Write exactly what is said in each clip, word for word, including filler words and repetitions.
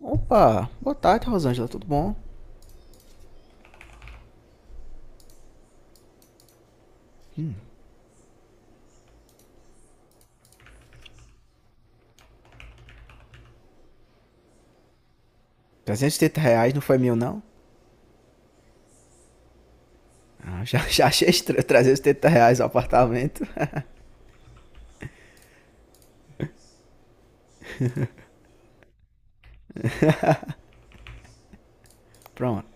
Opa, boa tarde, Rosângela, tudo bom? Trezentos e oitenta reais não foi meu, não? Ah, já, já achei estranho, trezentos e oitenta reais o apartamento. Pronto.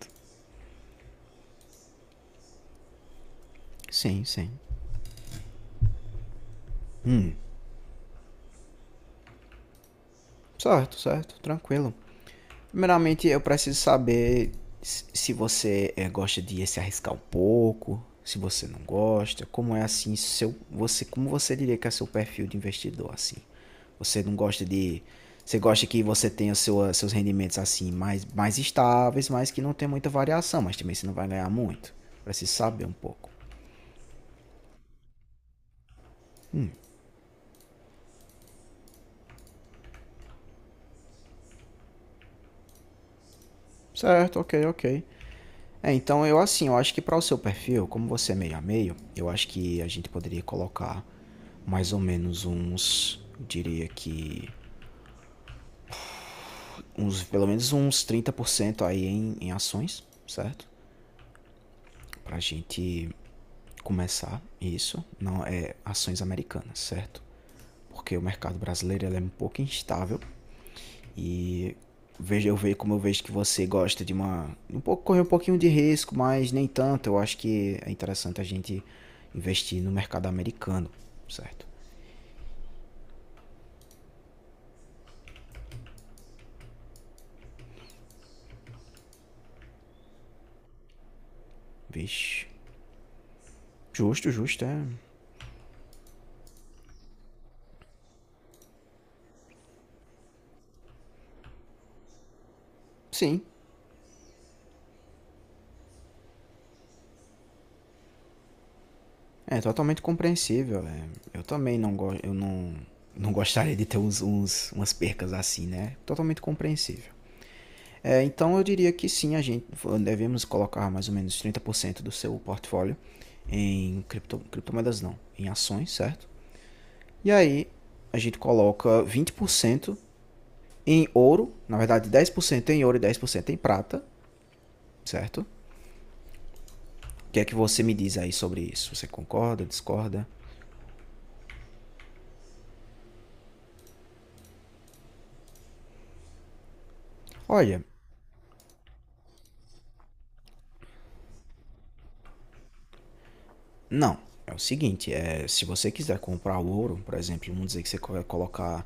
Sim, sim. Certo, certo, tranquilo. Primeiramente, eu preciso saber se você eh, gosta de se arriscar um pouco, se você não gosta, como é assim seu, você, como você diria que é seu perfil de investidor assim? Você não gosta de, você gosta que você tenha sua, seus rendimentos assim mais mais estáveis, mas que não tem muita variação, mas também você não vai ganhar muito. Preciso saber um pouco. Certo, ok, ok. É, então eu assim, eu acho que para o seu perfil, como você é meio a meio, eu acho que a gente poderia colocar mais ou menos uns, eu diria que uns, pelo menos uns trinta por cento aí em, em ações, certo? Pra gente começar isso, não é ações americanas, certo? Porque o mercado brasileiro ele é um pouco instável. E vejo eu vejo como eu vejo que você gosta de uma um pouco correr um pouquinho de risco, mas nem tanto. Eu acho que é interessante a gente investir no mercado americano, certo? Vixe. Justo, justo, é. Sim, é totalmente compreensível. É. Eu também não gosto, eu não não gostaria de ter uns, uns- umas percas assim, né? Totalmente compreensível. É, então eu diria que sim, a gente devemos colocar mais ou menos trinta por cento do seu portfólio em cripto, criptomoedas não, em ações, certo? E aí a gente coloca vinte por cento em ouro, na verdade dez por cento em ouro e dez por cento em prata, certo? O que é que você me diz aí sobre isso? Você concorda, discorda? Olha, não. É o seguinte, é, se você quiser comprar o ouro, por exemplo, vamos dizer que você vai colocar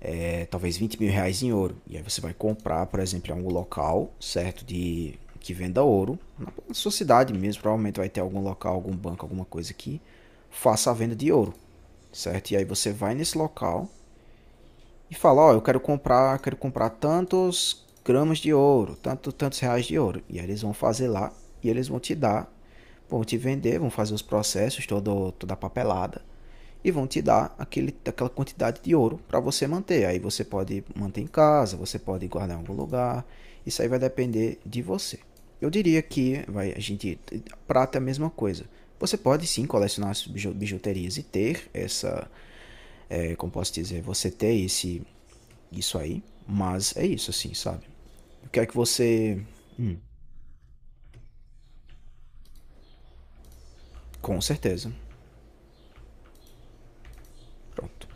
é, talvez vinte mil reais em ouro. E aí você vai comprar, por exemplo, em algum local, certo? De que venda ouro. Na sua cidade mesmo, provavelmente vai ter algum local, algum banco, alguma coisa que faça a venda de ouro. Certo? E aí você vai nesse local e fala, ó, oh, eu quero comprar, quero comprar tantos gramas de ouro, tanto, tantos reais de ouro. E aí eles vão fazer lá e eles vão te dar, vão te vender, vão fazer os processos, todo, toda a papelada e vão te dar aquele, aquela quantidade de ouro para você manter. Aí você pode manter em casa, você pode guardar em algum lugar. Isso aí vai depender de você. Eu diria que vai, a gente prata é a mesma coisa. Você pode sim colecionar bijuterias e ter essa é, como posso dizer, você ter esse, isso aí. Mas é isso, assim, sabe? Eu quero que você. Com certeza. Pronto.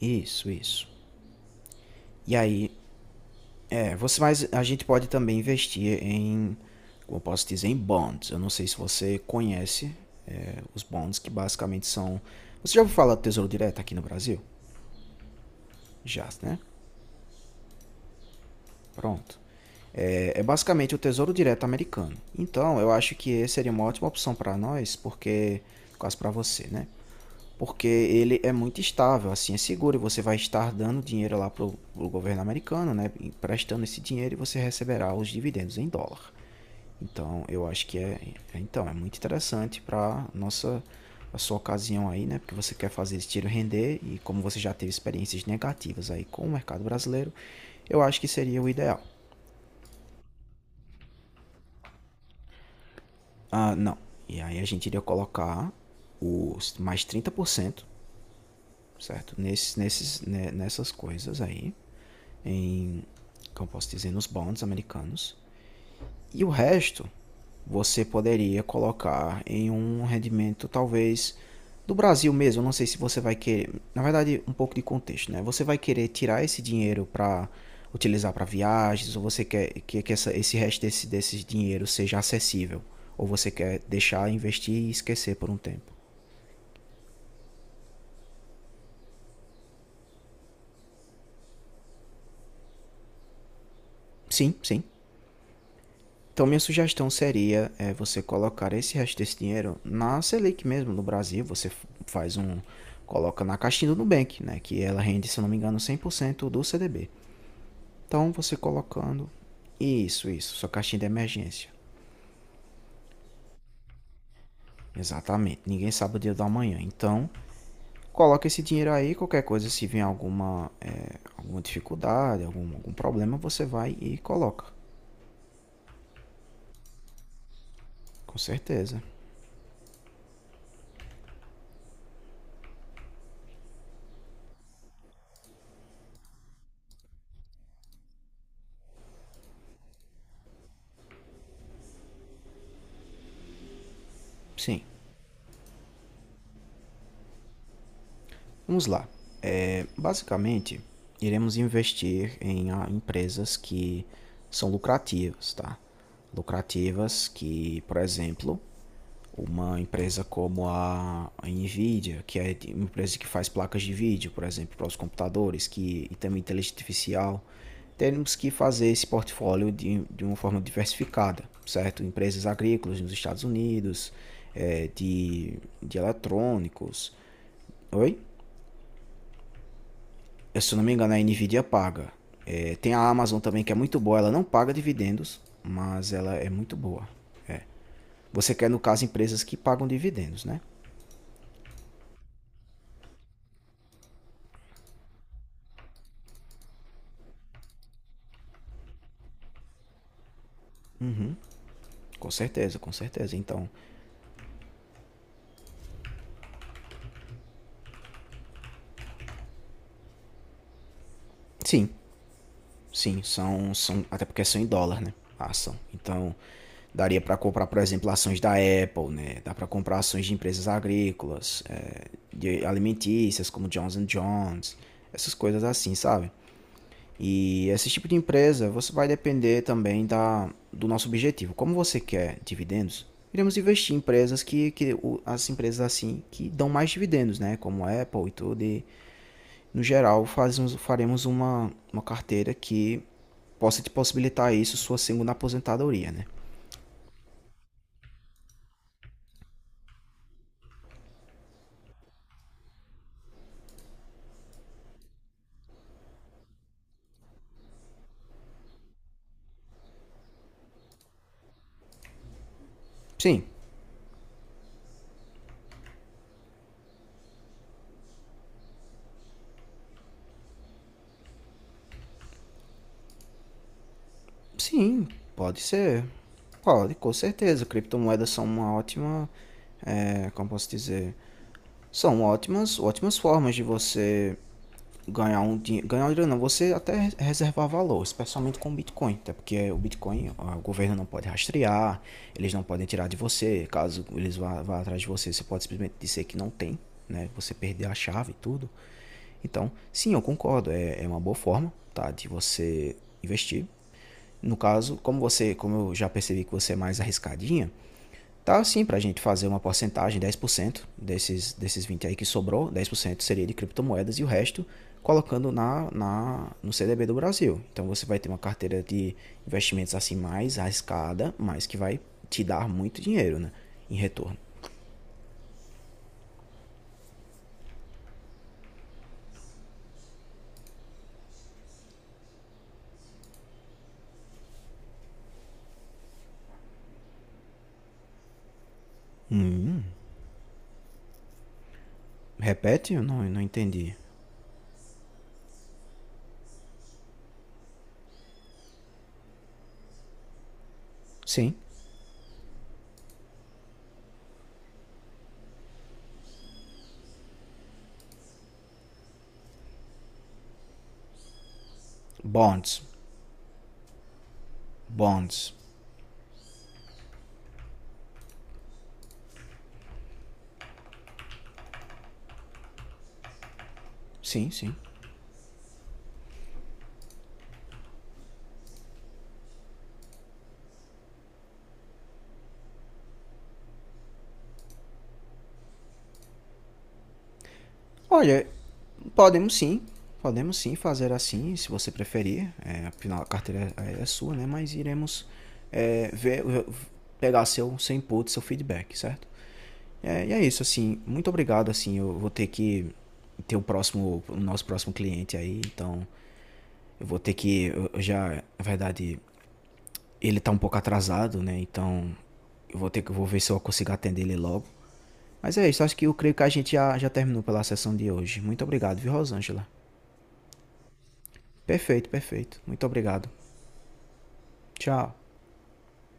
Isso, isso. E aí, é, você, mas a gente pode também investir em, como eu posso dizer, em bonds. Eu não sei se você conhece é, os bonds, que basicamente são. Você já ouviu falar do Tesouro Direto aqui no Brasil? Já, né? Pronto. É, é basicamente o Tesouro Direto americano. Então, eu acho que esse seria uma ótima opção para nós, porque quase para você, né? Porque ele é muito estável, assim é seguro e você vai estar dando dinheiro lá pro, pro governo americano, né? Emprestando esse dinheiro e você receberá os dividendos em dólar. Então, eu acho que é, é, então, é muito interessante para nossa a sua ocasião aí, né? Porque você quer fazer esse tiro render e como você já teve experiências negativas aí com o mercado brasileiro, eu acho que seria o ideal. Ah, não. E aí a gente iria colocar os mais trinta por cento, certo? Nesses, nesses, né, nessas coisas aí. Em, como eu posso dizer, nos bonds americanos. E o resto você poderia colocar em um rendimento talvez do Brasil mesmo. Eu não sei se você vai querer, na verdade, um pouco de contexto, né? Você vai querer tirar esse dinheiro para utilizar para viagens ou você quer que, que essa, esse resto desse, desse dinheiro seja acessível ou você quer deixar investir e esquecer por um tempo. Sim, sim. Então, minha sugestão seria é, você colocar esse resto desse dinheiro na Selic mesmo, no Brasil. Você faz um. Coloca na caixinha do Nubank, né? Que ela rende, se não me engano, cem por cento do C D B. Então, você colocando. Isso, isso. Sua caixinha de emergência. Exatamente. Ninguém sabe o dia da manhã. Então, coloca esse dinheiro aí. Qualquer coisa, se vier alguma, é, alguma dificuldade, algum, algum problema, você vai e coloca. Com certeza. Sim. Vamos lá. É, basicamente, iremos investir em ah, empresas que são lucrativas, tá? Lucrativas que, por exemplo, uma empresa como a Nvidia, que é uma empresa que faz placas de vídeo, por exemplo, para os computadores, que e também inteligência artificial, temos que fazer esse portfólio de, de uma forma diversificada, certo? Empresas agrícolas nos Estados Unidos, eh, de, de eletrônicos. Oi? Se eu não me engano, a Nvidia paga. É, tem a Amazon também que é muito boa, ela não paga dividendos, mas ela é muito boa. Você quer, no caso, empresas que pagam dividendos, né? Com certeza, com certeza. Então, sim, sim, são, são até porque são em dólar, né? A ação. Então, daria para comprar, por exemplo, ações da Apple, né? Dá para comprar ações de empresas agrícolas, é, de alimentícias, como Johnson and Johnson, essas coisas assim, sabe? E esse tipo de empresa, você vai depender também da, do nosso objetivo. Como você quer dividendos, iremos investir em empresas que, que as empresas assim que dão mais dividendos, né? Como a Apple e tudo. E, no geral, fazemos, faremos uma, uma carteira que possa te possibilitar isso, sua segunda aposentadoria, né? Sim, sim, pode ser. Pode, com certeza. Criptomoedas são uma ótima, é, como posso dizer, são ótimas, ótimas formas de você ganhar um dinheiro. Ganhar um dinheiro não, você até reservar valor, especialmente com o Bitcoin, até porque o Bitcoin o governo não pode rastrear, eles não podem tirar de você. Caso eles vá, vá atrás de você, você pode simplesmente dizer que não tem, né? Você perder a chave e tudo. Então, sim, eu concordo, é, é uma boa forma, tá, de você investir. No caso, como você, como eu já percebi que você é mais arriscadinha, tá sim pra gente fazer uma porcentagem, dez por cento desses desses vinte aí que sobrou, dez por cento seria de criptomoedas e o resto colocando na, na no C D B do Brasil. Então você vai ter uma carteira de investimentos assim mais arriscada, mas que vai te dar muito dinheiro, né, em retorno. Repete? Eu não, eu não entendi. Sim, bonds, bonds. Sim, sim. Olha, podemos sim. Podemos sim fazer assim, se você preferir. É, afinal, a carteira é, é sua, né? Mas iremos é, ver, pegar seu, seu input, seu feedback, certo? É, e é isso, assim. Muito obrigado, assim. Eu vou ter que ter o próximo, o nosso próximo cliente aí. Então, eu vou ter que, eu eu já, na verdade, ele tá um pouco atrasado, né? Então, eu vou ter que, eu vou ver se eu consigo atender ele logo. Mas é isso, acho que eu creio que a gente já, já terminou pela sessão de hoje. Muito obrigado, viu, Rosângela? Perfeito, perfeito. Muito obrigado. Tchau.